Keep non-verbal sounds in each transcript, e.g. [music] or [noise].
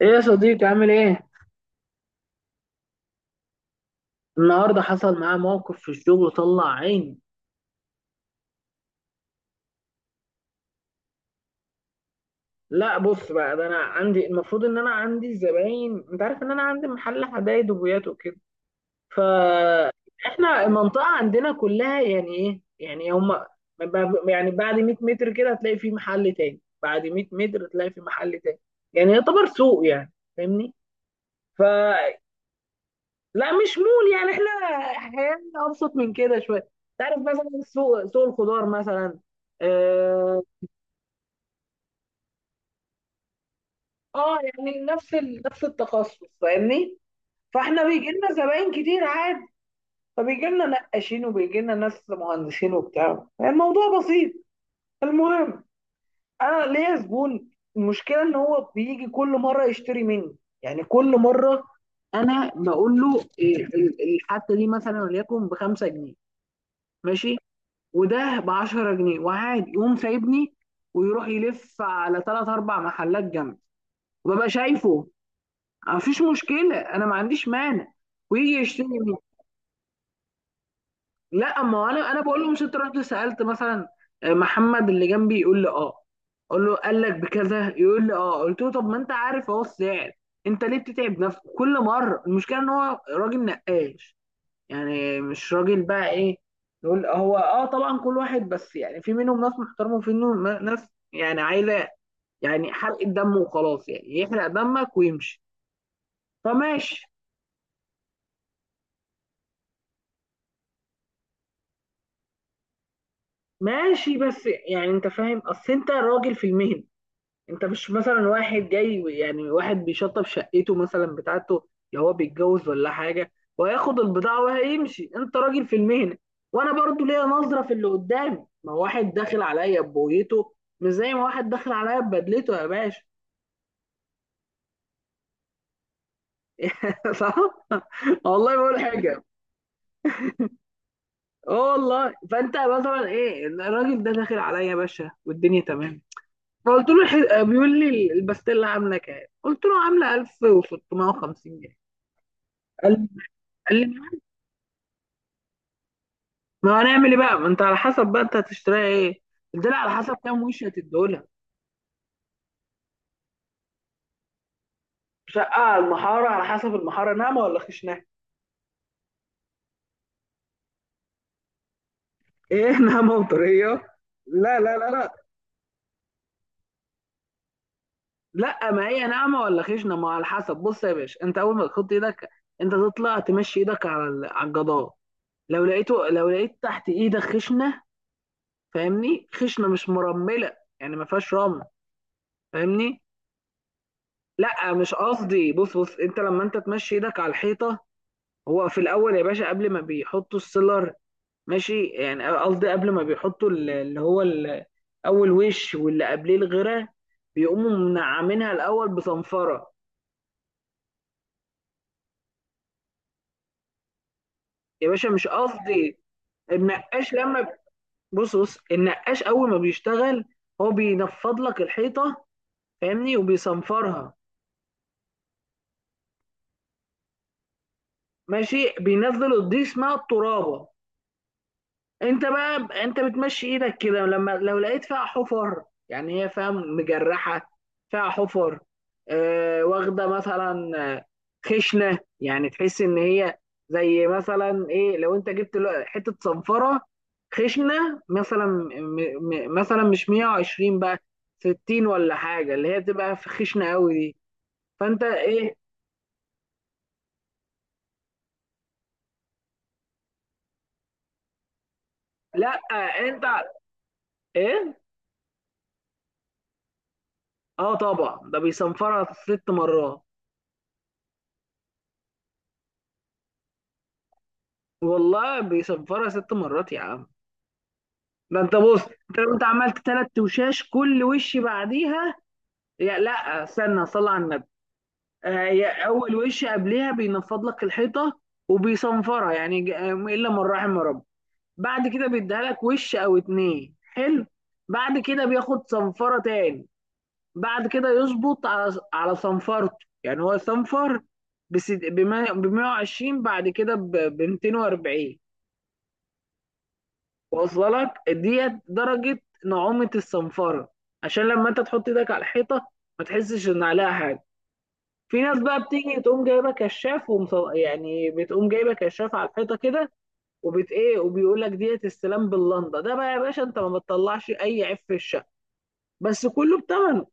ايه يا صديقي عامل ايه؟ النهارده حصل معايا موقف في الشغل طلع عيني. لا بص بقى، ده انا عندي، المفروض ان انا عندي زباين، انت عارف ان انا عندي محل حدايد وبويات وكده. ف احنا المنطقه عندنا كلها يعني ايه، يعني هم يعني بعد 100 متر كده هتلاقي في محل تاني، بعد 100 متر هتلاقي في محل تاني، يعني يعتبر سوق يعني. فاهمني؟ لا مش مول، يعني احنا حياتنا ابسط من كده شويه. تعرف مثلا سوق الخضار مثلا. اه، يعني نفس نفس التخصص، فاهمني. فاحنا بيجي لنا زباين كتير عادي، فبيجي لنا نقاشين وبيجي لنا ناس مهندسين وبتاع، يعني الموضوع بسيط. المهم، انا ليا زبون، المشكله ان هو بيجي كل مره يشتري مني، يعني كل مره انا بقول له الحته دي مثلا وليكن بخمسة جنيه ماشي، وده ب 10 جنيه، وعادي يقوم سايبني ويروح يلف على ثلاث اربع محلات جنبي، وببقى شايفه. مفيش مشكله، انا ما عنديش مانع، ويجي يشتري مني. لا ما هو انا بقول لهم ست رحت سالت مثلا، محمد اللي جنبي، يقول لي اه، اقول له قال لك بكذا؟ يقول لي اه، قلت له طب ما انت عارف اهو السعر، انت ليه بتتعب نفسك كل مره؟ المشكله ان هو راجل نقاش، يعني مش راجل بقى ايه، نقول هو اه طبعا كل واحد، بس يعني في منهم ناس محترمه وفي منهم ناس يعني عايزه يعني حرق الدم، وخلاص يعني يحرق دمك ويمشي. فماشي. ماشي بس يعني انت فاهم، اصل انت راجل في المهنه، انت مش مثلا واحد جاي، يعني واحد بيشطب شقته مثلا بتاعته لو هو بيتجوز ولا حاجه وهياخد البضاعه وهيمشي، انت راجل في المهنه. وانا برضو ليا نظره في اللي قدامي، ما هو واحد داخل عليا ببويته، مش زي ما واحد داخل عليا ببدلته يا باشا. [laughs] صح. والله ما بقول حاجه. اه والله، فانت مثلا ايه، الراجل ده داخل عليا يا باشا والدنيا تمام، بيقول لي البستيلا عامله كام؟ قلت له عامله 1650 جنيه. قال ما هنعمل ايه بقى، ما انت على حسب بقى انت هتشتريها ايه، الدلع على حسب كام وش هتديهولها. شقة على المحارة، على حسب المحارة ناعمة ولا خشنة. [laughs] ايه ناعمة وطرية؟ لا، لا ما هي ناعمة ولا خشنة، ما على حسب. بص يا باشا، انت اول ما تحط ايدك، انت تطلع تمشي ايدك على على الجدار، لو لقيته، لو لقيت تحت ايدك خشنة، فاهمني، خشنة مش مرملة، يعني ما فيهاش رمل، فاهمني. لا مش قصدي، بص، انت لما انت تمشي ايدك على الحيطة، هو في الاول يا باشا قبل ما بيحطوا السيلر، ماشي، يعني قصدي قبل ما بيحطوا اول وش واللي قبليه الغيره، بيقوموا منعمينها الاول بصنفره. يا باشا مش قصدي. النقاش لما ب- بص النقاش اول ما بيشتغل، هو بينفض لك الحيطه، فاهمني، وبيصنفرها. ماشي، بينزل الضي اسمها الترابه، انت بقى، انت بتمشي ايدك كده، لما لو لقيت فيها حفر، يعني هي فاهم مجرحه، فيها حفر، آه واخده مثلا، خشنه، يعني تحس ان هي زي مثلا ايه، لو انت حته صنفره خشنه، مثلا م م مثلا مش 120 بقى، 60 ولا حاجه، اللي هي تبقى في خشنه قوي دي. فانت ايه؟ لا انت ايه، اه طبعا ده بيصنفرها ست مرات. والله بيصفرها ست مرات يا عم. ده انت بص، انت لو انت عملت ثلاث وشاش كل وش بعديها، يا لا استنى صلي على النبي. آه، يا اول وش قبلها بينفض لك الحيطه وبيصنفرها، يعني الا من رحم ربي. بعد كده بيديها لك وش او اتنين حلو، بعد كده بياخد صنفره تاني، بعد كده يظبط على صنفرته، يعني هو صنفر بس ب 120، بعد كده ب 240، واصله لك ديت درجه نعومه الصنفره، عشان لما انت تحط ايدك على الحيطه ما تحسش ان عليها حاجه. في ناس بقى بتيجي تقوم جايبه كشاف يعني بتقوم جايبه كشاف على الحيطه كده، وبت ايه وبيقول لك ديت السلام باللنده. ده بقى يا باشا انت ما بتطلعش اي عيب في الشقه، بس كله بتمنه،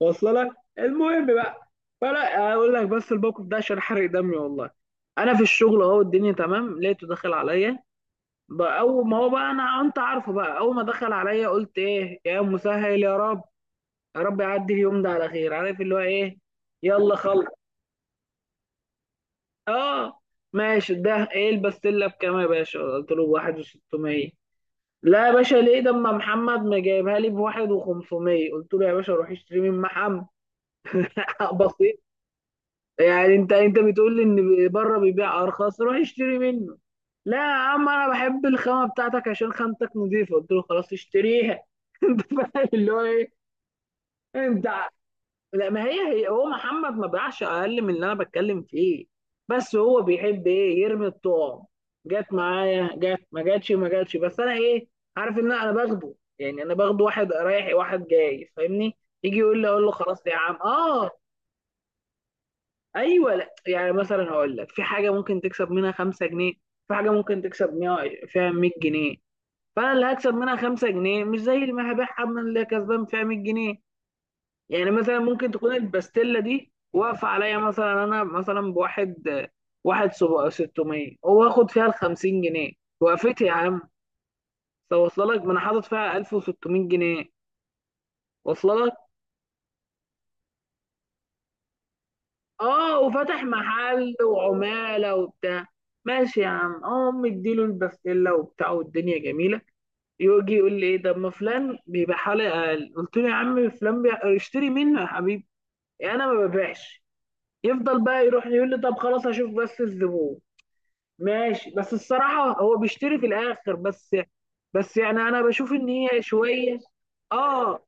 واصله لك. المهم بقى، فلا اقول لك بس الموقف ده عشان حرق دمي والله. انا في الشغل اهو الدنيا تمام، لقيته داخل عليا بقى، اول ما هو بقى، انا انت عارفه بقى، اول ما دخل عليا قلت ايه يا مسهل يا رب، يا رب يعدي اليوم ده على خير، عارف اللي هو ايه، يلا خلص. اه ماشي، ده ايه البستله بكام يا باشا؟ قلت له ب 1600. لا يا باشا ليه ده، اما محمد ما جايبها لي ب 1500. قلت له يا باشا روح اشتري من محمد. [laughs] بسيط، يعني انت بتقول لي ان بره بيبيع ارخص، روح اشتري منه. لا يا عم انا بحب الخامه بتاعتك عشان خامتك نظيفه. قلت له خلاص اشتريها. [laughs] انت فاهم اللي هو ايه؟ انت ع- لا ما هي هي، هو محمد ما بيعش اقل من اللي انا بتكلم فيه، بس هو بيحب ايه، يرمي الطعم، جت معايا جت، ما جاتش بس انا ايه، عارف ان انا باخده، يعني انا باخده واحد رايح واحد جاي، فاهمني. يجي يقول لي، اقول له خلاص يا عم اه. ايوه، لا يعني مثلا هقول لك، في حاجه ممكن تكسب منها 5 جنيه، في حاجه ممكن تكسب فيها 100 جنيه، فانا اللي هكسب منها 5 جنيه مش زي اللي هبيعها من اللي كسبان فيها 100 جنيه. يعني مثلا ممكن تكون الباستيلا دي واقفه عليا مثلا، انا مثلا بواحد، 600، واخد فيها ال 50 جنيه، وقفت يا عم، ده واصله لك، ما انا حاطط فيها 1600 جنيه، واصله. اه وفتح محل وعمالة وبتاع. ماشي يا عم، اه مديله البسلة وبتاع والدنيا جميلة. يجي يقول لي ايه ده، ما فلان بيبقع حلقة اقل. قلت له يا عم فلان اشتري منه يا حبيبي، يعني انا ما ببيعش. يفضل بقى يروح، يقول لي طب خلاص اشوف، بس الزبون ماشي، بس الصراحة هو بيشتري في الاخر، بس بس يعني انا بشوف ان هي شوية. اه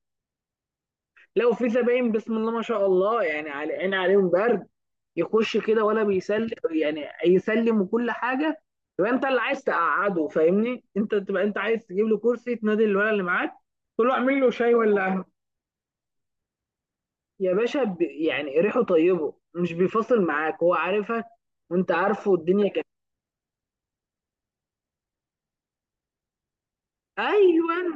لو في زباين بسم الله ما شاء الله، يعني على عين عليهم برد، يخش كده ولا بيسلم، يعني يسلم وكل حاجه، يبقى انت اللي عايز تقعده، فاهمني، انت تبقى انت عايز تجيب له كرسي، تنادي الولد اللي معاك، تقول له اعمل له شاي ولا قهوه. يا باشا يعني ريحه طيبه، مش بيفاصل معاك، هو عارفك وانت عارفه الدنيا كده. ايوه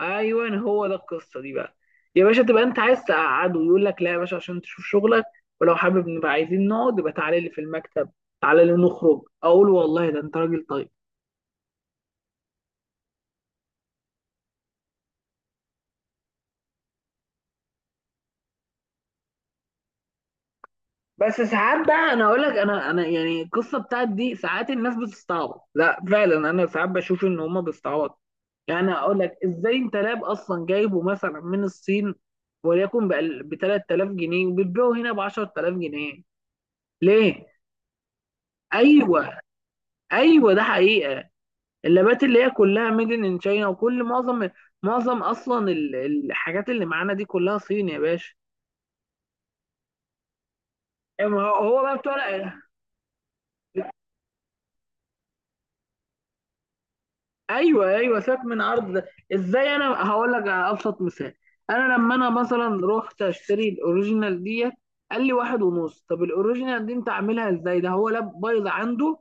ايوه هو ده القصه دي بقى. يا باشا تبقى انت عايز تقعده، يقول لك لا يا باشا عشان تشوف شغلك، ولو حابب نبقى عايزين نقعد يبقى تعالى لي في المكتب، تعالى لي نخرج، اقول والله ده انت راجل طيب. بس ساعات بقى انا اقول لك، انا يعني القصه بتاعت دي ساعات الناس بتستعبط، لا فعلا انا ساعات بشوف ان هما بيستعبطوا. يعني اقول لك ازاي، انت لاب اصلا جايبه مثلا من الصين وليكن ب 3000 جنيه، وبتبيعه هنا ب 10000 جنيه، ليه؟ ايوه، ايوه ده حقيقه، اللابات اللي هي كلها ميد ان تشاينا، وكل معظم اصلا الحاجات اللي معانا دي كلها صين يا باشا. أما هو بقى بتوع. ايوه سيبك من عرض ده، ازاي، انا هقول لك على ابسط مثال. انا لما انا مثلا رحت اشتري الاوريجينال ديت، قال لي واحد ونص، طب الاوريجينال دي انت عاملها ازاي، ده هو لاب بايظ عنده،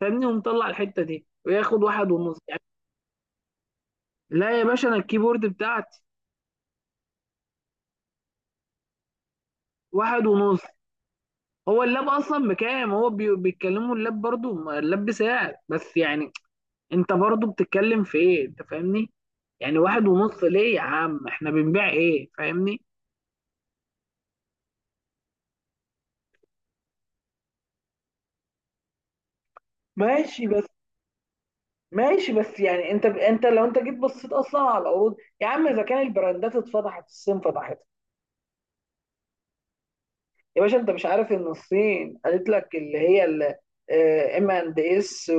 فاهمني، ومطلع الحته دي وياخد واحد ونص يعني. لا يا باشا انا الكيبورد بتاعتي واحد ونص. هو اللاب اصلا بكام، هو بيتكلموا اللاب برضو، ما اللاب بسعر، بس يعني انت برضو بتتكلم في ايه، انت فاهمني، يعني واحد ونص ليه يا عم، احنا بنبيع ايه، فاهمني. ماشي بس ماشي بس يعني انت لو انت جيت بصيت اصلا على العروض، يا عم اذا كان البراندات اتفضحت، الصين فتحت. يا باشا انت مش عارف ان الصين قالت لك اللي هي ام اند اس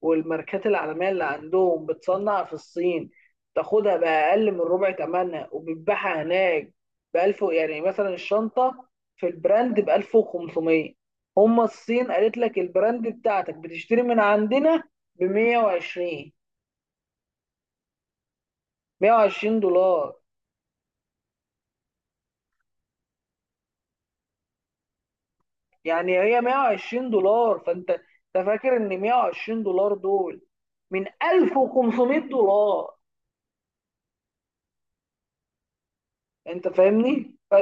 والماركات العالميه اللي عندهم بتصنع في الصين، تاخدها باقل من ربع ثمنها وبتبيعها هناك ب 1000، يعني مثلا الشنطه في البراند ب 1500، هم الصين قالت لك البراند بتاعتك بتشتري من عندنا ب 120. 120 دولار. يعني هي 120 دولار، فانت انت فاكر ان 120 دولار دول من 1500 دولار، انت فاهمني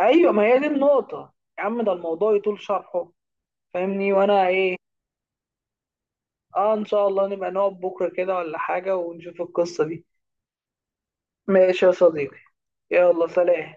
ايوه ما هي دي النقطه. يا عم ده الموضوع يطول شرحه، فاهمني، وانا ايه. اه ان شاء الله نبقى نقعد بكره كده ولا حاجه ونشوف القصه دي. ماشي يا صديقي، يلا سلام.